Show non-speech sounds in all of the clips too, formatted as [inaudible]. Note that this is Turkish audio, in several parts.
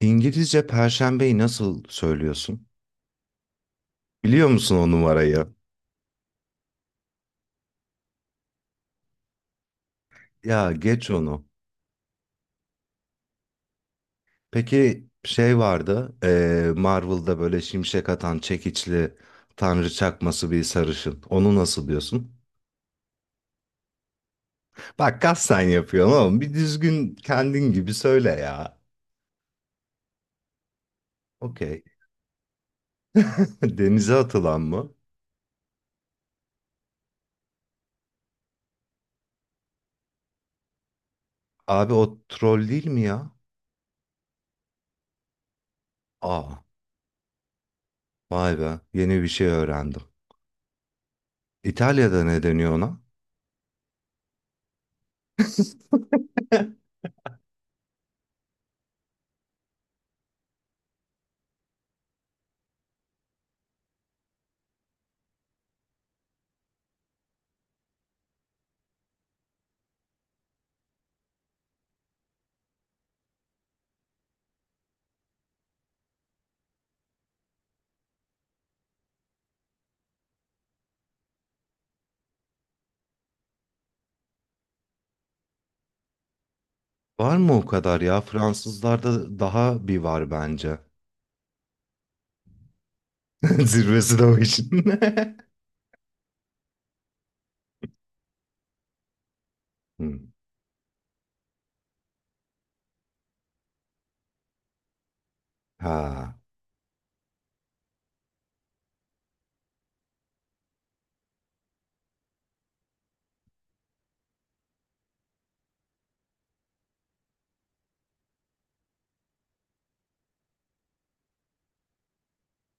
İngilizce perşembeyi nasıl söylüyorsun? Biliyor musun o numarayı? Ya geç onu. Peki şey vardı, Marvel'da böyle şimşek atan çekiçli tanrı çakması bir sarışın. Onu nasıl diyorsun? Bak kasten yapıyorsun oğlum. Bir düzgün kendin gibi söyle ya. Okey. [laughs] Denize atılan mı? Abi o troll değil mi ya? Aa, vay be. Yeni bir şey öğrendim. İtalya'da ne deniyor ona? Var mı o kadar ya? Fransızlarda daha bir var bence. [laughs] Zirvesi de o işin. [laughs] Hmm. Ha.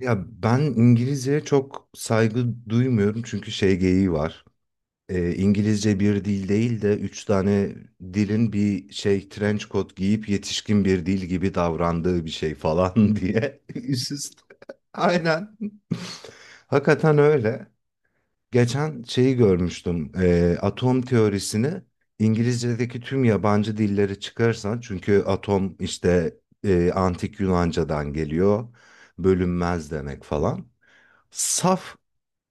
Ya ben İngilizceye çok saygı duymuyorum çünkü şey geyiği var. İngilizce bir dil değil de üç tane dilin bir şey trench coat giyip yetişkin bir dil gibi davrandığı bir şey falan [laughs] diye. Üst üste. Aynen. [laughs] Hakikaten öyle. Geçen şeyi görmüştüm. Atom teorisini İngilizce'deki tüm yabancı dilleri çıkarsan çünkü atom işte antik Yunanca'dan geliyor. Bölünmez demek falan. Saf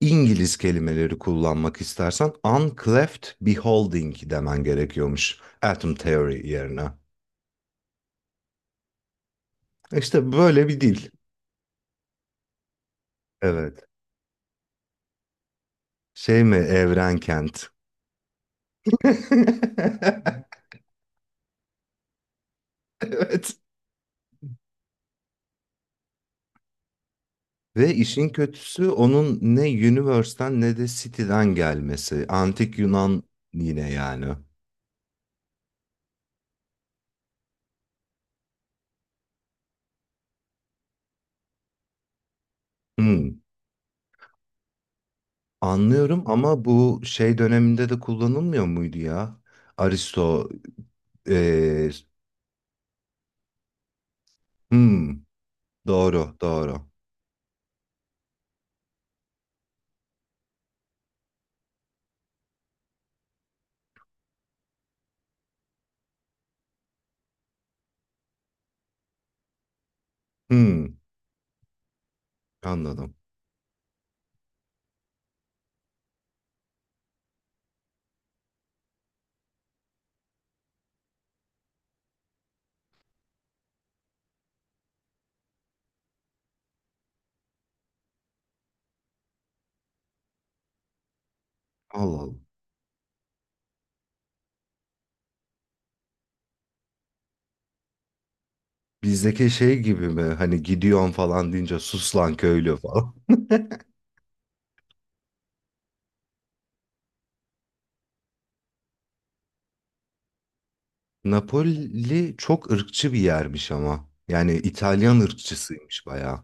İngiliz kelimeleri kullanmak istersen uncleft beholding demen gerekiyormuş atom theory yerine. İşte böyle bir dil. Evet. Şey mi Evrenkent? [laughs] Evet. Ve işin kötüsü onun ne Universe'ten ne de City'den gelmesi. Antik Yunan yine yani. Hmm, anlıyorum ama bu şey döneminde de kullanılmıyor muydu ya? Aristo, eee, hmm, doğru, doğru. Hmm, anladım. Allah Allah. Bizdeki şey gibi mi? Hani gidiyorsun falan deyince sus lan köylü falan. [laughs] Napoli çok ırkçı bir yermiş ama. Yani İtalyan ırkçısıymış bayağı.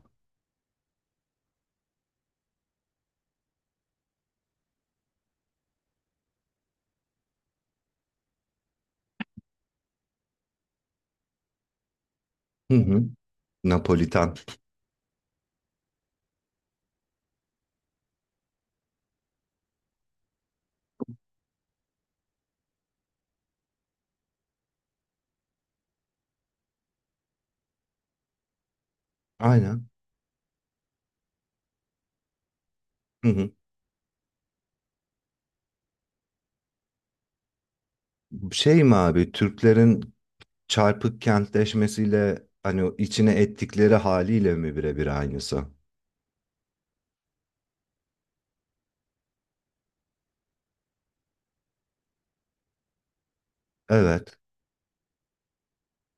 Hı hı. Napolitan. Aynen. Hı hı. Şey mi abi Türklerin çarpık kentleşmesiyle hani o içine ettikleri haliyle mi birebir aynısı? Evet.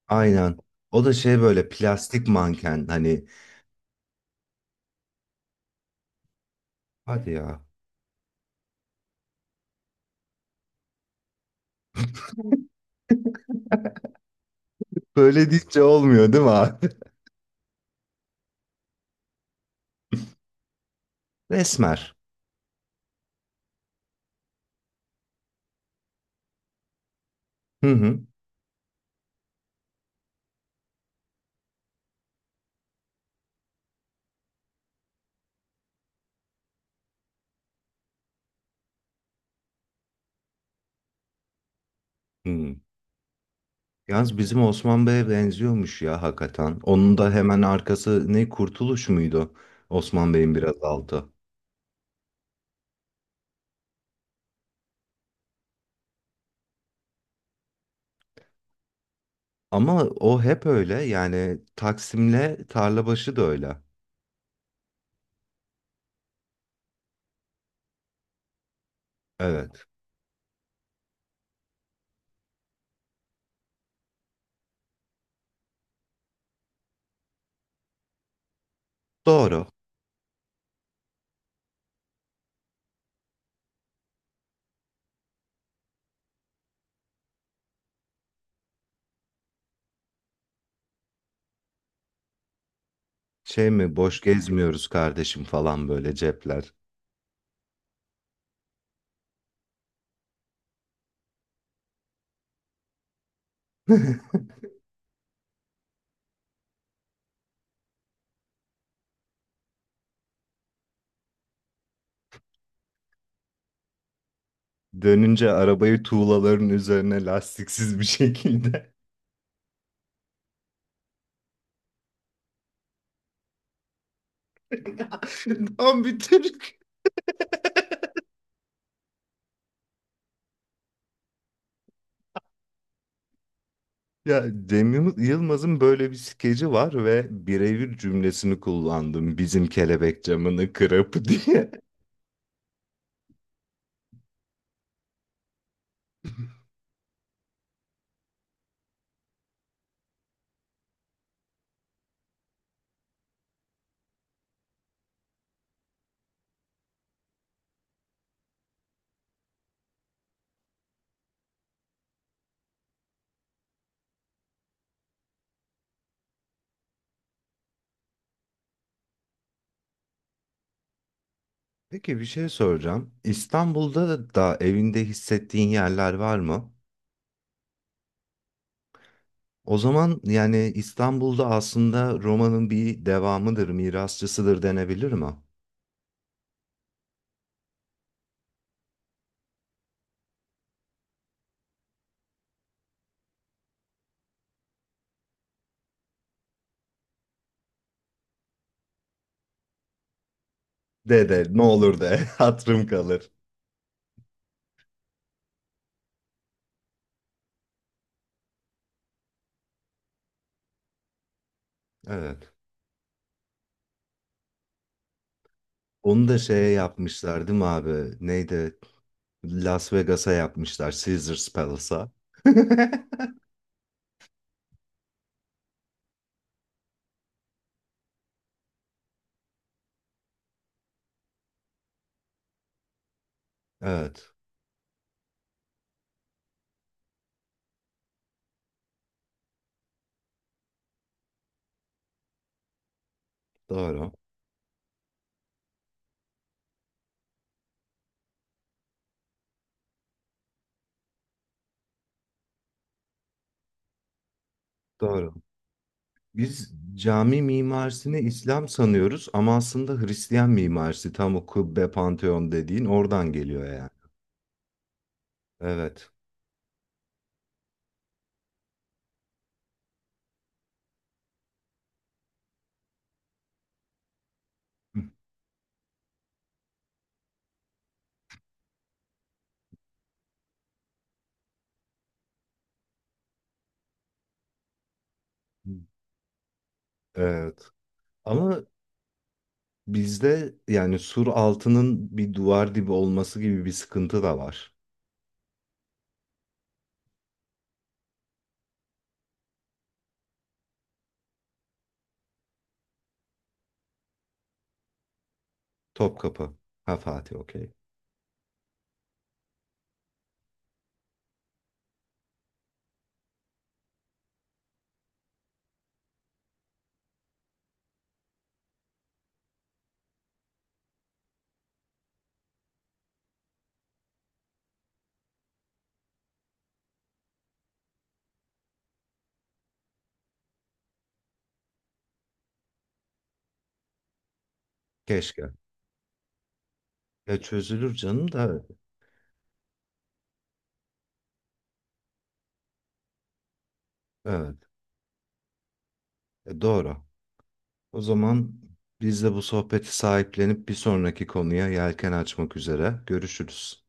Aynen. O da şey böyle plastik manken hani hadi ya. Böyle deyince olmuyor değil mi abi? [laughs] Resmer. Hı hı. Hı. Yalnız bizim Osman Bey'e benziyormuş ya hakikaten. Onun da hemen arkası ne Kurtuluş muydu? Osman Bey'in biraz altı. Ama o hep öyle yani Taksim'le Tarlabaşı da öyle. Evet. Doğru. Şey mi boş gezmiyoruz kardeşim falan böyle cepler. [laughs] Dönünce arabayı tuğlaların üzerine lastiksiz bir şekilde. [laughs] Tam bir Türk. Ya Yılmaz'ın böyle bir skeci var ve birebir cümlesini kullandım. Bizim kelebek camını kırıp [laughs] diye. Peki bir şey soracağım. İstanbul'da da evinde hissettiğin yerler var mı? O zaman yani İstanbul'da aslında romanın bir devamıdır, mirasçısıdır denebilir mi? De de ne olur de [laughs] hatırım kalır. Evet. Onu da şeye yapmışlar değil mi abi? Neydi? Las Vegas'a yapmışlar. Caesars Palace'a. [laughs] Evet. Doğru. Doğru. Biz cami mimarisini İslam sanıyoruz ama aslında Hristiyan mimarisi tam o kubbe panteon dediğin oradan geliyor yani. Evet. [laughs] Hı. Evet. Ama bizde yani sur altının bir duvar dibi olması gibi bir sıkıntı da var. Topkapı. Ha Fatih okey. Keşke. Ya çözülür canım da evet. E, doğru. O zaman biz de bu sohbeti sahiplenip bir sonraki konuya yelken açmak üzere görüşürüz.